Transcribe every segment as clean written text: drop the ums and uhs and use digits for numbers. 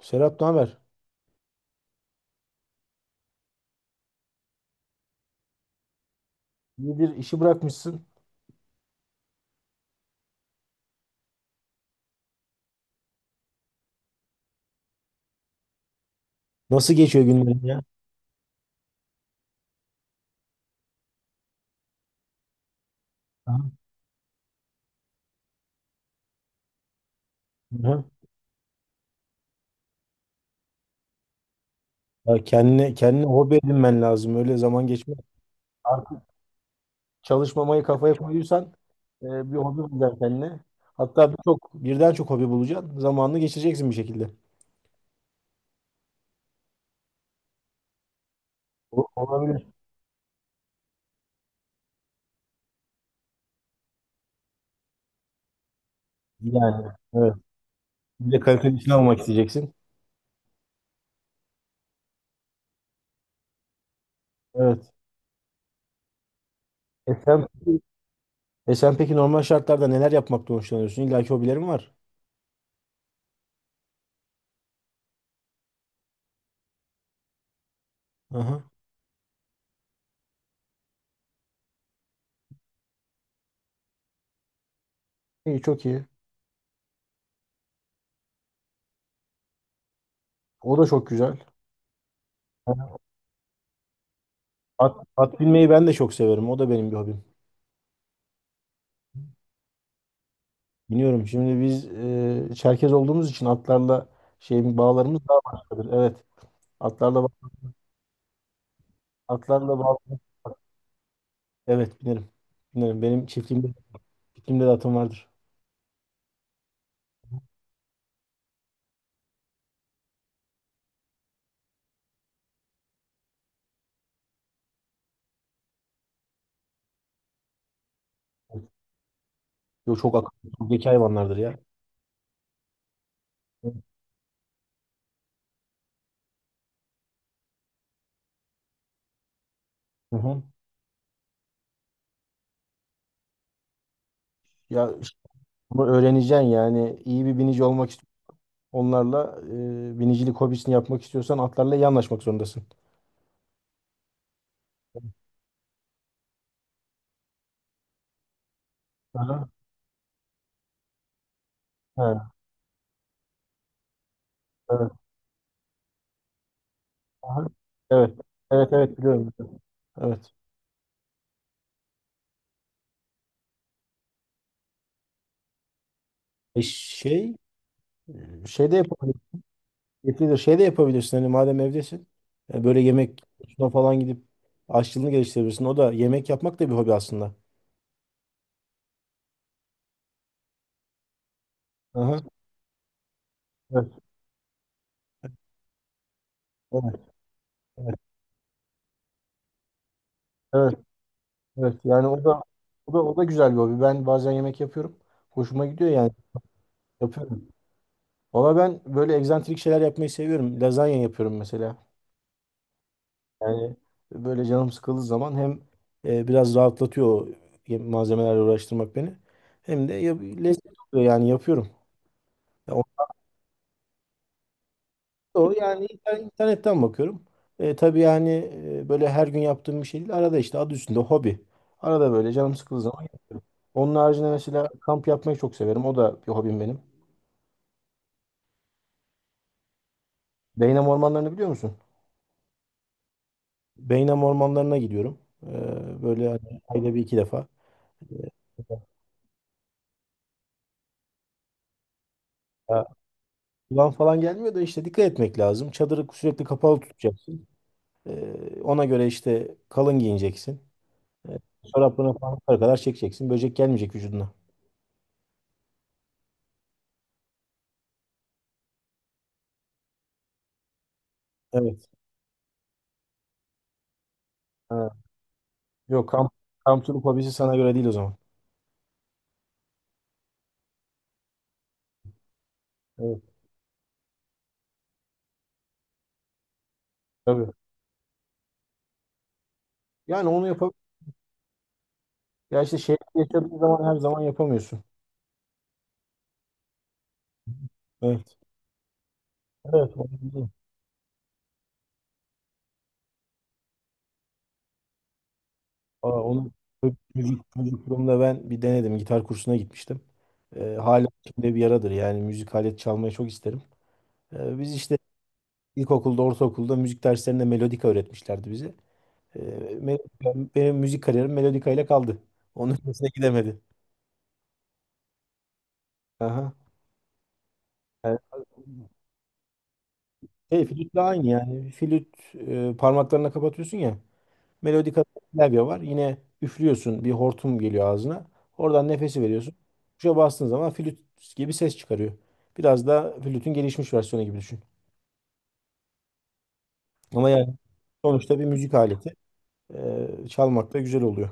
Serap, ne haber? İyidir, işi bırakmışsın. Nasıl geçiyor günlerin ya? Aha. Aha. Ya kendine hobi edinmen lazım. Öyle zaman geçmez. Artık çalışmamayı kafaya koyuyorsan e, bir hobi bulacaksın kendine. Hatta birden çok hobi bulacaksın. Zamanını geçireceksin bir şekilde. Olabilir. Yani evet. Bir de kaliteli işini almak isteyeceksin. Evet. E sen, peki- e sen peki normal şartlarda neler yapmaktan hoşlanıyorsun? İlla ki hobilerin var. Aha. İyi, çok iyi. O da çok güzel. At binmeyi ben de çok severim. O da benim bir hobim. Biniyorum. Şimdi biz Çerkez olduğumuz için atlarla şeyin bağlarımız daha başkadır. Evet. Atlarla ba- atlarla bağ. Evet, binerim. Binerim. Benim çiftliğimde de atım vardır. Yo, çok akıllı, çok zeki hayvanlardır ya. Hı hı. Ya işte bunu öğreneceksin yani. İyi bir binici olmak istiyorsan onlarla binicilik hobisini yapmak istiyorsan atlarla iyi anlaşmak zorundasın. Aha. Ha, evet. Aha. Evet. Evet, evet, biliyorum. Evet. E şey Şey de yapabilirsin. Yetilir. Şey de yapabilirsin. Hani madem evdesin. Böyle yemek kursuna falan gidip aşçılığını geliştirebilirsin. O da, yemek yapmak da bir hobi aslında. Aha. Evet, evet, evet, evet, evet. Yani o da güzel bir hobi. Ben bazen yemek yapıyorum. Hoşuma gidiyor yani. Yapıyorum. Valla ben böyle egzantrik şeyler yapmayı seviyorum. Lazanya yapıyorum mesela. Yani böyle canım sıkıldığı zaman hem biraz rahatlatıyor o malzemelerle uğraştırmak beni. Hem de lezzetli oluyor yani, yapıyorum. Ya internetten bakıyorum. Tabii yani böyle her gün yaptığım bir şey değil. Arada işte, adı üstünde hobi. Arada böyle canım sıkıldığı zaman. Onun haricinde mesela kamp yapmayı çok severim. O da bir hobim benim. Beynam ormanlarını biliyor musun? Beynam ormanlarına gidiyorum. Böyle hani ayda bir iki defa. Ya, Yılan falan gelmiyor da işte dikkat etmek lazım. Çadırı sürekli kapalı tutacaksın. Ona göre işte kalın giyineceksin. E, Çoraplarını falan yukarı kadar çekeceksin. Böcek gelmeyecek vücuduna. Evet. Ha. Yok, kamp turu hobisi sana göre değil o zaman. Evet. Tabii. Yani onu yap, ya işte şey yaşadığın zaman her zaman yapamıyorsun. Evet. Evet. Onu biliyorum. Aa, onu Müzik, çocukluğumda ben bir denedim. Gitar kursuna gitmiştim. Hala içimde bir yaradır. Yani müzik alet çalmayı çok isterim. Biz işte ilkokulda, ortaokulda müzik derslerinde melodika öğretmişlerdi bize. Ee, benim müzik kariyerim melodika ile kaldı. Onun ötesine gidemedi. Aha. Evet. Şey, flütle aynı yani. Flüt, parmaklarına kapatıyorsun ya. Melodik klavye var. Yine üflüyorsun, bir hortum geliyor ağzına. Oradan nefesi veriyorsun. Tuşa bastığın zaman flüt gibi ses çıkarıyor. Biraz da flütün gelişmiş versiyonu gibi düşün. Ama yani sonuçta bir müzik aleti. Çalmak da güzel oluyor.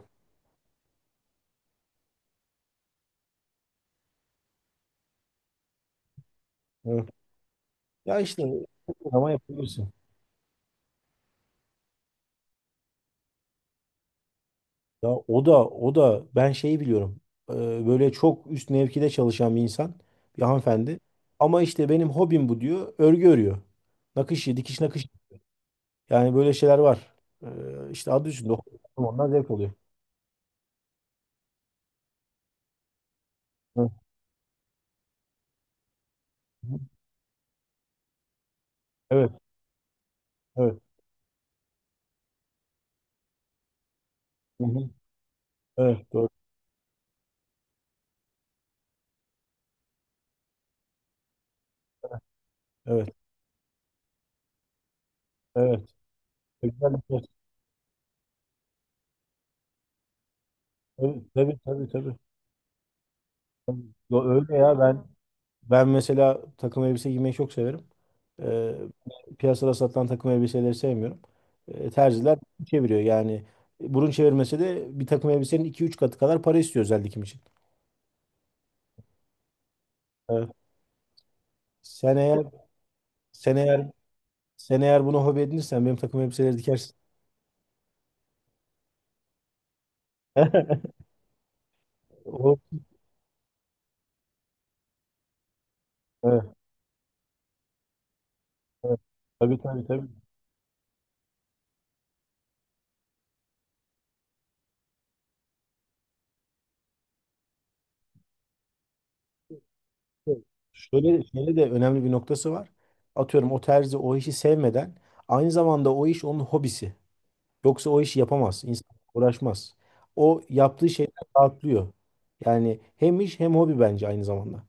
Evet. Ya işte ama yapabilirsin. Ya o da o da ben şeyi biliyorum. Böyle çok üst mevkide çalışan bir insan, bir hanımefendi. Ama işte benim hobim bu diyor. Örgü örüyor. Nakışı, dikiş nakış. Yani böyle şeyler var. İşte adı üstünde, okuyorum. Onlar zevk oluyor. Hı. Evet, evet. Hı hı. Evet, doğru. Evet, evet. Güzel bir şey. Tabii, tabii, tabii, tabii. Yo, öyle ya, ben mesela takım elbise giymeyi çok severim. Ee, Piyasada satılan takım elbiseleri sevmiyorum. Terziler çeviriyor yani. Burun çevirmesi de bir takım elbisenin iki üç katı kadar para istiyor özel dikim için. Evet. Sen eğer sen eğer sen eğer bunu hobi edinirsen benim takım elbiseleri dikersin. O, Evet. Tabii, tabii, tabii. Şöyle de önemli bir noktası var. Atıyorum, o terzi o işi sevmeden aynı zamanda o iş onun hobisi. Yoksa o işi yapamaz, İnsan uğraşmaz. O yaptığı şeyden rahatlıyor. Yani hem iş hem hobi bence aynı zamanda.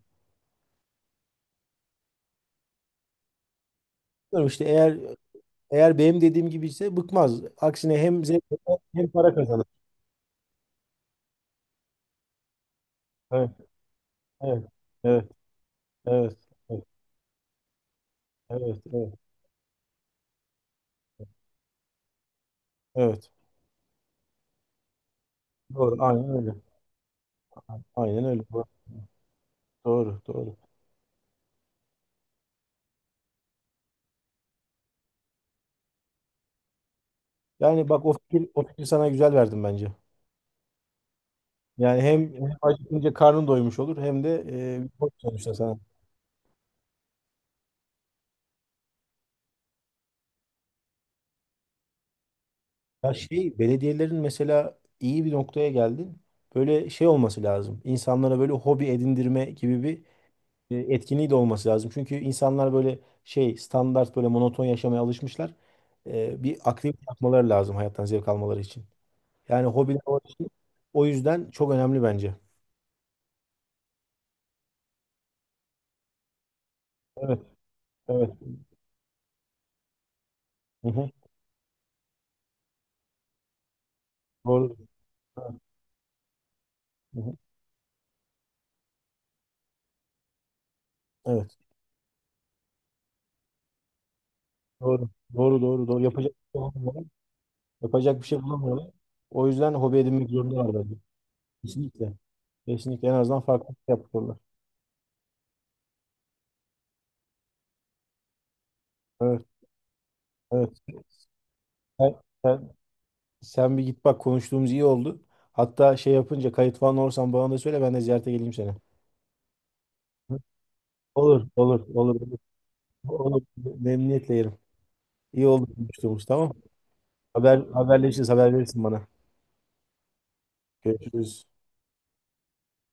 Bilmiyorum işte, eğer benim dediğim gibi ise bıkmaz. Aksine hem zevk alır, hem para kazanır. Evet, evet, evet, evet, evet, evet, evet, evet. Doğru, aynen öyle. Aynen öyle. Doğru, doğru. Yani bak, o fikir sana güzel, verdim bence. Yani hem, hem acıkınca karnın doymuş olur hem de hoş sonuçta sana. Ya şey, belediyelerin mesela, iyi bir noktaya geldin. Böyle şey olması lazım. İnsanlara böyle hobi edindirme gibi bir etkinliği de olması lazım. Çünkü insanlar böyle şey, standart böyle monoton yaşamaya alışmışlar. Bir aktivite yapmaları lazım hayattan zevk almaları için. Yani o yüzden çok önemli bence. Evet, evet. Hı hı. Doğru. Evet. Hı hı. Evet. Doğru. Doğru, doğru, doğru. Yapacak bir şey bulamıyorlar. Yapacak bir şey bulamıyorlar. O yüzden hobi edinmek zorundalar bence. Kesinlikle. Kesinlikle en azından farklı bir şey yapıyorlar. Evet, evet. Sen, sen, sen bir git bak, konuştuğumuz iyi oldu. Hatta şey yapınca, kayıt falan olursan bana da söyle, ben de ziyarete geleyim seni. Olur, olur, olur. Olur. Olur. Memnuniyetle yerim. İyi oldu konuştuğumuz, tamam. Haberleşiriz, haber verirsin bana. Görüşürüz.